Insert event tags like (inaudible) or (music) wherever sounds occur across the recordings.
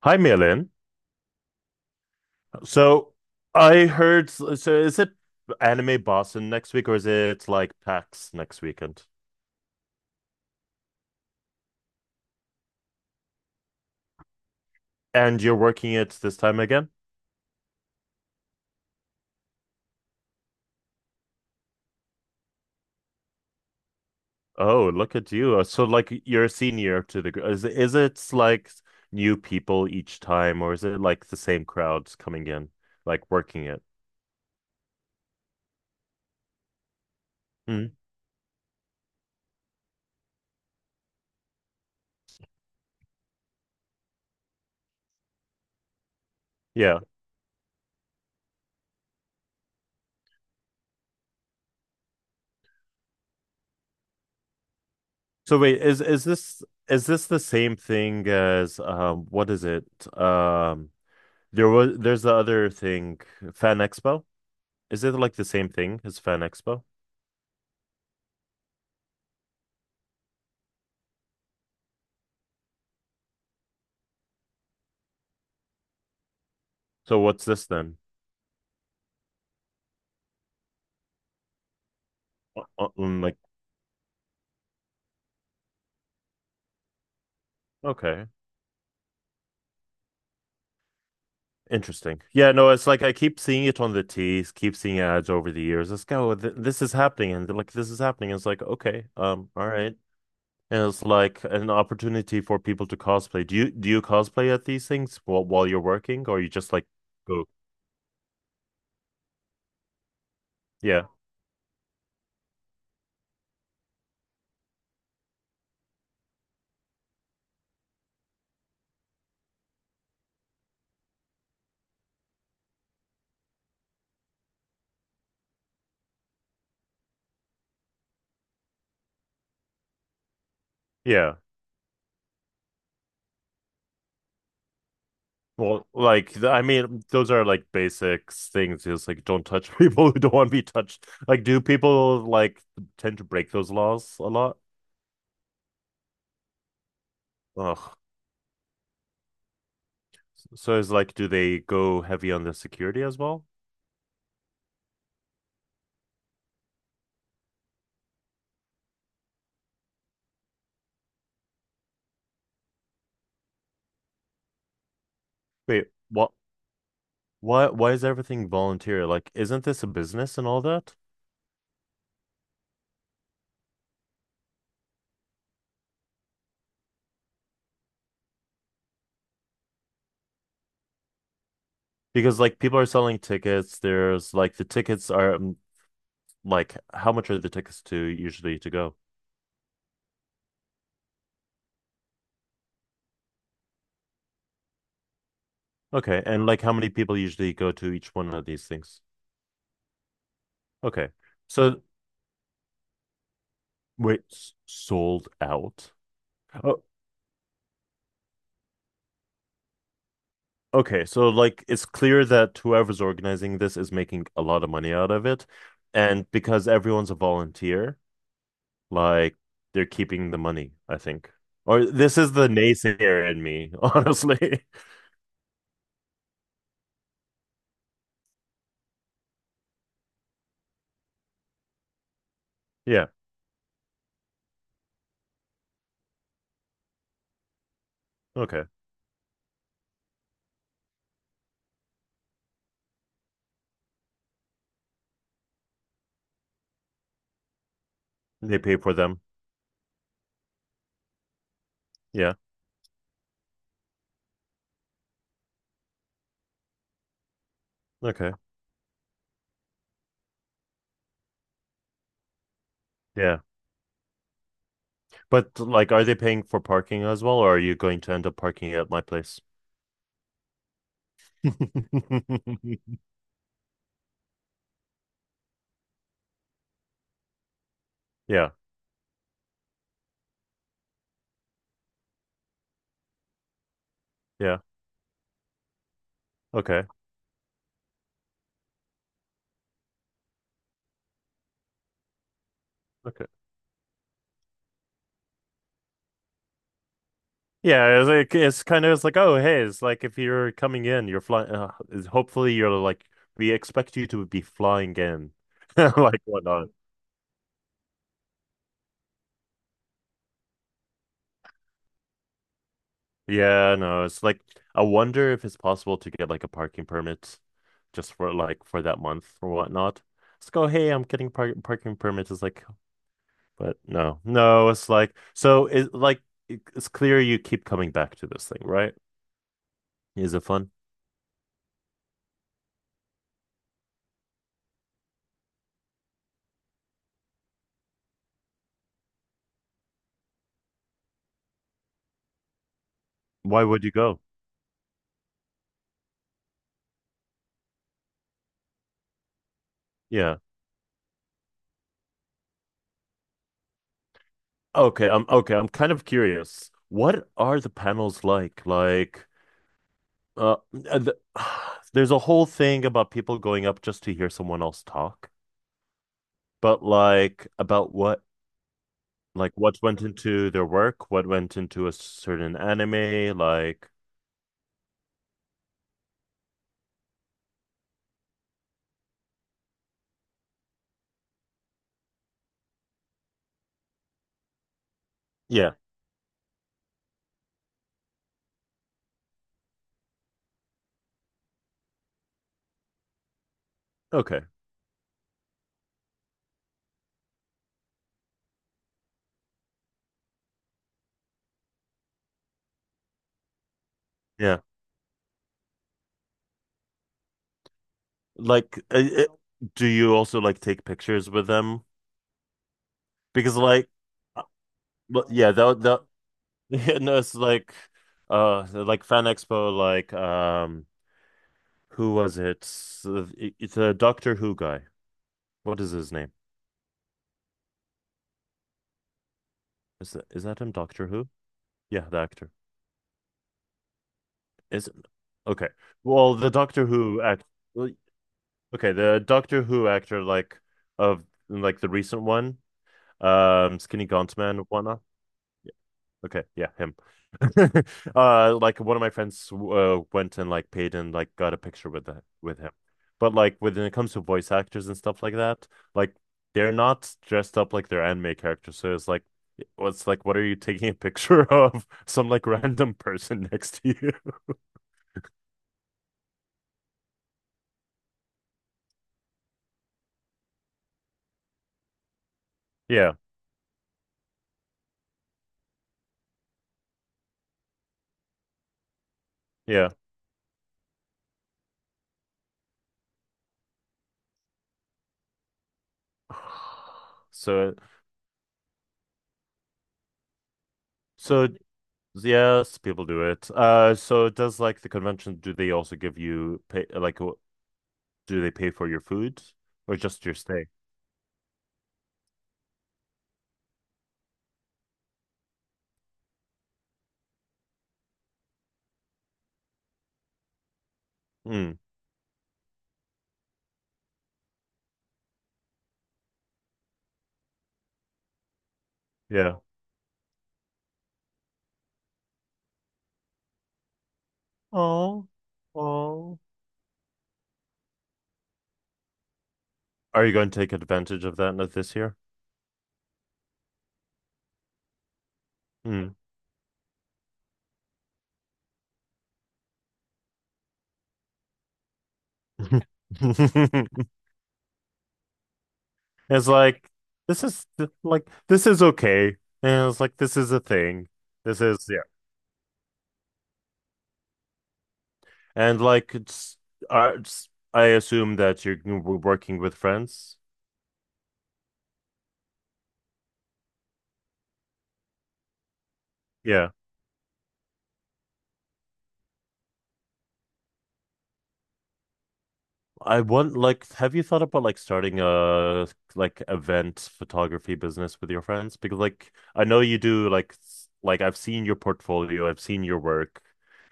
Hi, Milan. So so is it Anime Boston next week or is it like PAX next weekend? And you're working it this time again? Oh, look at you. So like you're a senior to is it like new people each time or is it like the same crowds coming in, like working it? Mm, yeah. So wait, is this the same thing as what is it? Um there's the other thing, Fan Expo? Is it like the same thing as Fan Expo? So what's this then? Like okay, interesting. Yeah, no, it's like I keep seeing it on the tees, keep seeing ads over the years. Let's go, th this is happening, and they're like this is happening. It's like okay, all right. And it's like an opportunity for people to cosplay. Do you cosplay at these things while you're working, or you just like go? Yeah, yeah. Well, like I mean, those are like basic things. Just like don't touch (laughs) people who don't want to be touched. Like, do people like tend to break those laws a lot? Ugh. So is like, do they go heavy on the security as well? Wait, what? Why? Why is everything volunteer? Like, isn't this a business and all that? Because like people are selling tickets. There's like the tickets are like how much are the tickets to usually to go? Okay, and like how many people usually go to each one of these things? Okay. So wait, sold out? Oh, okay. So, like, it's clear that whoever's organizing this is making a lot of money out of it. And because everyone's a volunteer, like, they're keeping the money, I think. Or this is the naysayer in me, (laughs) honestly. Yeah. Okay. They pay for them. Yeah. Okay. Yeah. But, like, are they paying for parking as well, or are you going to end up parking at my place? (laughs) Yeah. Yeah. Okay. Okay. Yeah, it's like it's kind of it's like oh hey, it's like if you're coming in, you're flying. Hopefully, you're like we expect you to be flying in, (laughs) like whatnot. Yeah, no, it's like I wonder if it's possible to get like a parking permit, just for like for that month or whatnot. Let's go. Hey, I'm getting parking permit. It's like, but no, no, it's like so. It's clear you keep coming back to this thing, right? Is it fun? Why would you go? Yeah. Okay, I'm kind of curious. What are the panels like? Like, uh, uh, the, (sighs) there's a whole thing about people going up just to hear someone else talk, but like about what, like what went into their work, what went into a certain anime, like, yeah, okay, yeah. Like, do you also like take pictures with them? Because like, uh, well, yeah, that (laughs) no, it's like Fan Expo, like. Who was it? It's a Doctor Who guy. What is his name? Is that him? Doctor Who? Yeah, the actor. Is it? Okay. Well, the Doctor Who act. Well, Okay, the Doctor Who actor, like of like the recent one, Skinny Gaunt Man, whatnot. Okay, yeah, him. (laughs) Like one of my friends went and like paid and like got a picture with him. But like when it comes to voice actors and stuff like that, like they're not dressed up like their anime characters. So it's like, what's like, what are you taking a picture of (laughs) some like random person next to you? (laughs) Yeah, yeah. (sighs) So, so yes, people do it. So does like the convention? Do they also give you pay? Like, do they pay for your food or just your stay? Mm, yeah. Oh, oh. Are you going to take advantage of that not this year? Mm. (laughs) It's like like this is okay, and it's like this is a thing. This is yeah, and like it's I assume that you're working with friends. Yeah. I want Like have you thought about like starting a like event photography business with your friends? Because like I know you do like like I've seen your portfolio, I've seen your work,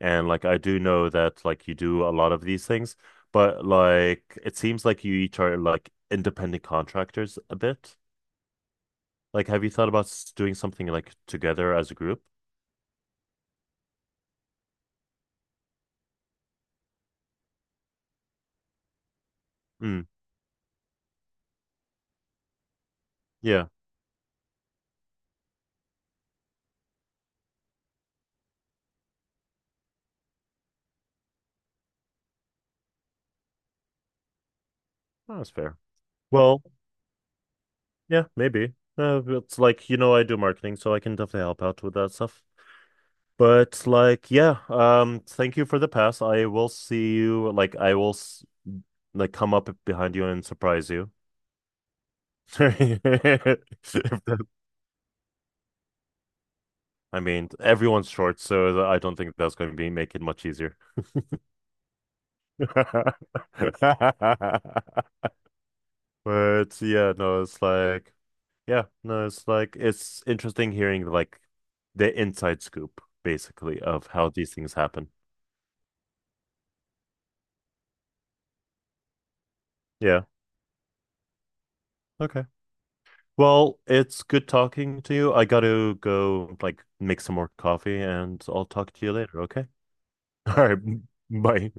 and like I do know that like you do a lot of these things, but like it seems like you each are like independent contractors a bit. Like have you thought about doing something like together as a group? Mm, yeah. Oh, that's fair. Well, yeah, maybe. It's like you know I do marketing, so I can definitely help out with that stuff. But like, yeah, thank you for the pass. I will see you. Like, I will s like come up behind you and surprise you. (laughs) If that- I mean, everyone's short, so I don't think that's going to be make it much easier. (laughs) But yeah, no, it's like, yeah, no, it's like it's interesting hearing like the inside scoop, basically, of how these things happen. Yeah. Okay. Well, it's good talking to you. I gotta go like make some more coffee and I'll talk to you later, okay? (laughs) All right. Bye.